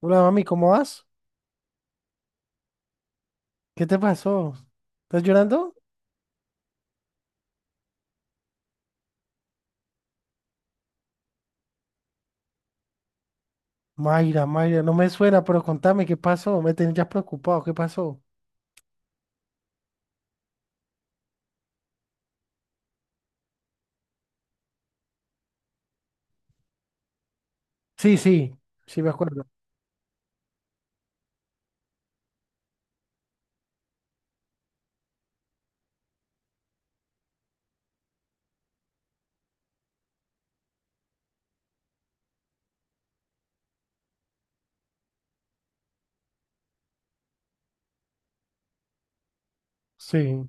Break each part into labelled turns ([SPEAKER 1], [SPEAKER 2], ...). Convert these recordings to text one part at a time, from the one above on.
[SPEAKER 1] Hola mami, ¿cómo vas? ¿Qué te pasó? ¿Estás llorando? Mayra, Mayra, no me suena, pero contame qué pasó. Me tenías preocupado, ¿qué pasó? Sí, sí, sí me acuerdo. Sí,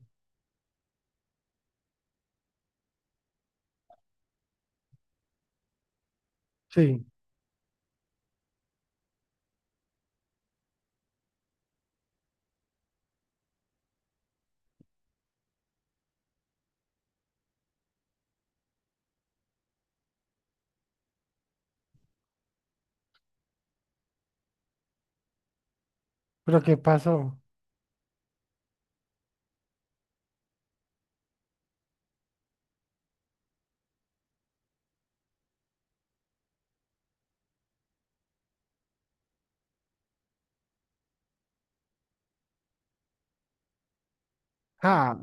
[SPEAKER 1] sí, pero ¿qué pasó? Ah,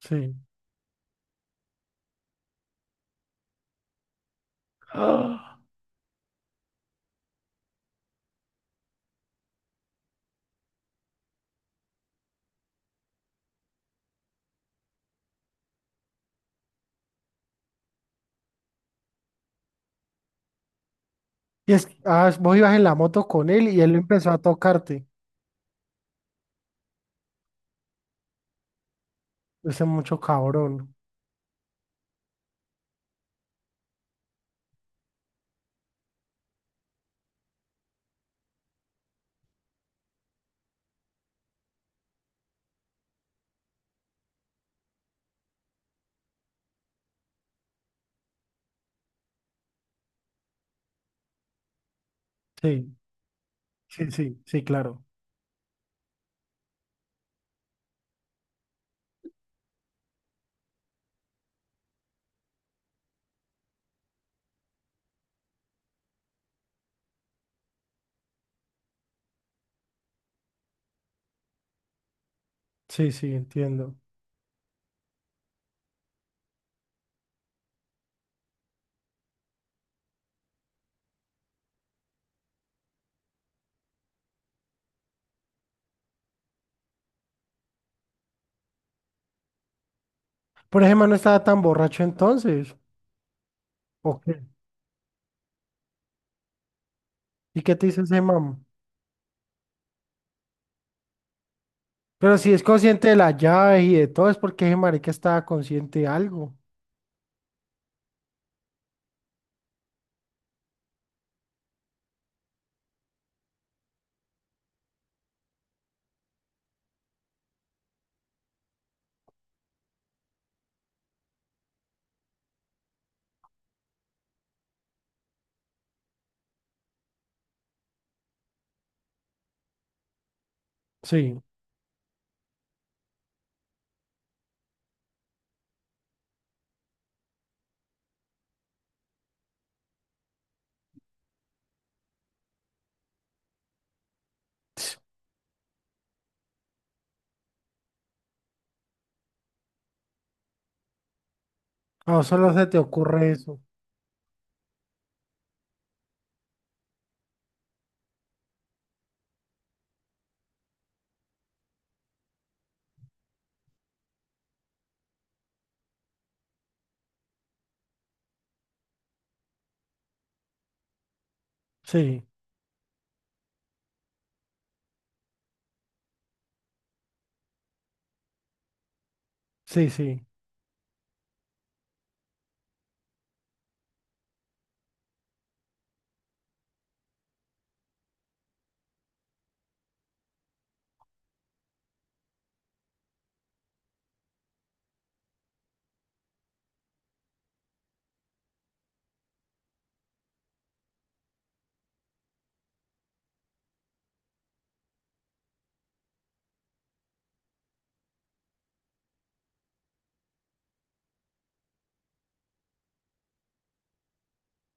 [SPEAKER 1] sí. Ah, y es, ah, ¿vos ibas en la moto con él y él empezó a tocarte? Ese mucho cabrón. Sí, sí, sí, sí, claro. Sí, sí, entiendo. Pero ese man no estaba tan borracho entonces. ¿O qué? ¿Y qué te dice ese man? Pero si es consciente de la llave y de todo, es porque ese marica estaba consciente de algo. Sí. No, solo se te ocurre eso. Sí, sí, sí.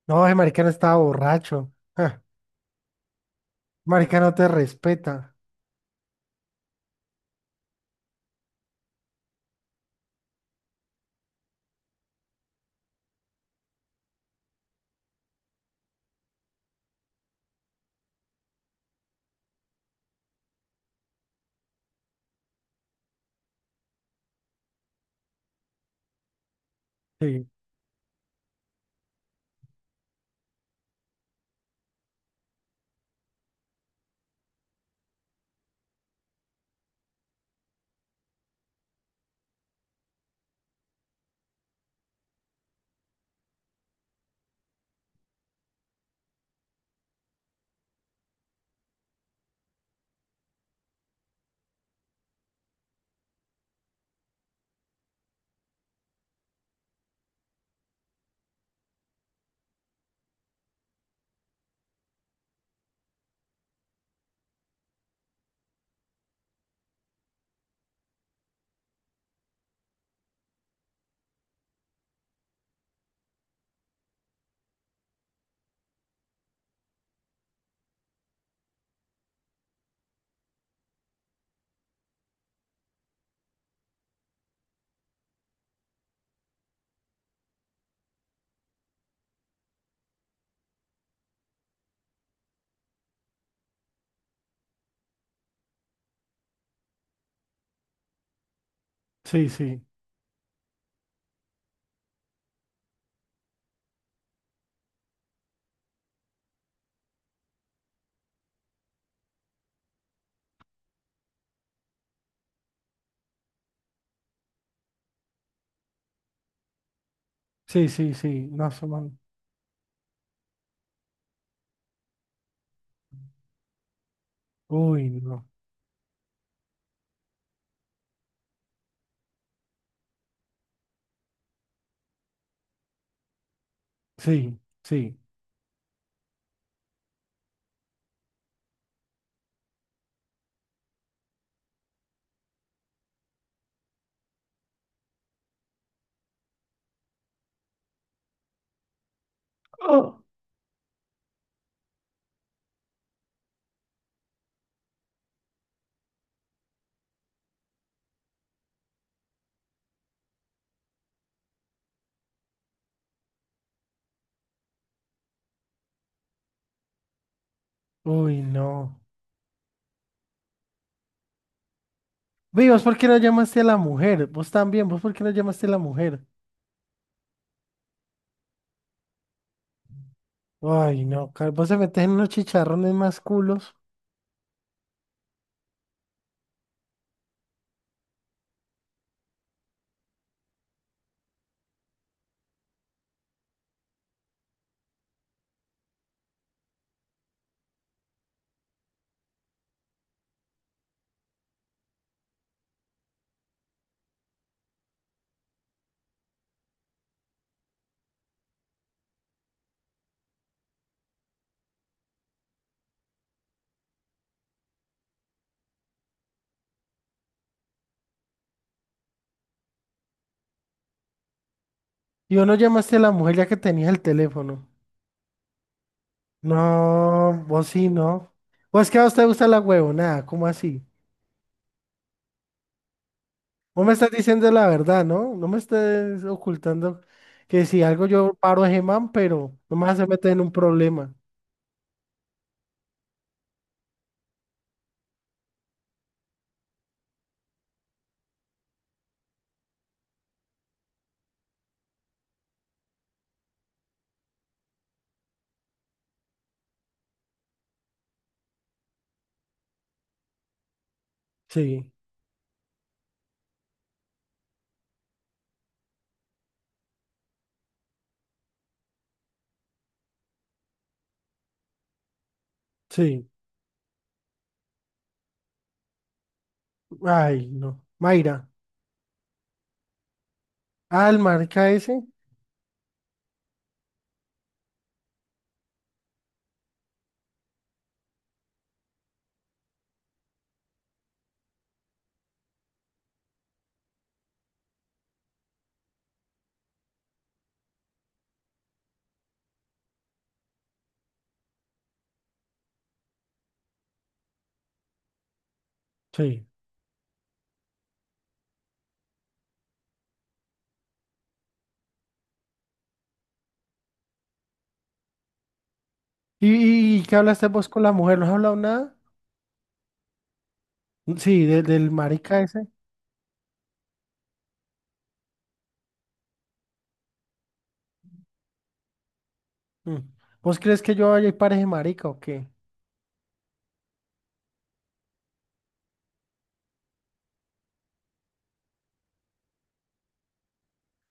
[SPEAKER 1] No, ese marica no estaba borracho. Ja, marica no te respeta. Sí, sí, sí. Sí, sí, sí. No, somos... Uy, no. Sí, sí. Oh. Uy, no. Vi, ¿vos por qué no llamaste a la mujer? Vos también, ¿vos por qué no llamaste a la mujer? Ay, no, car- vos se metes en unos chicharrones más culos. Y vos no llamaste a la mujer ya que tenías el teléfono. No, vos sí, no. Pues que a vos te gusta la huevonada, ¿cómo así? Vos me estás diciendo la verdad, ¿no? No me estés ocultando que si algo yo paro a Gemán, pero no me vas a meter en un problema. Sí, sí. Ay, no. Mayra. Ah, el marica ese. Sí. ¿Y, y qué hablaste vos con la mujer? ¿No has hablado nada? Sí, de- del marica ese. Mm. ¿Vos crees que yo vaya y pare ese marica o qué?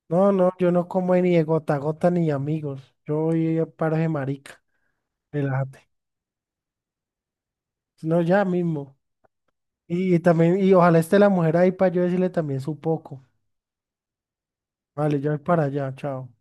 [SPEAKER 1] No, no, yo no como ni de gota a gota ni de amigos. Yo voy a paros de marica. Relájate. No, ya mismo. Y, también, y ojalá esté la mujer ahí para yo decirle también su poco. Vale, ya voy para allá, chao.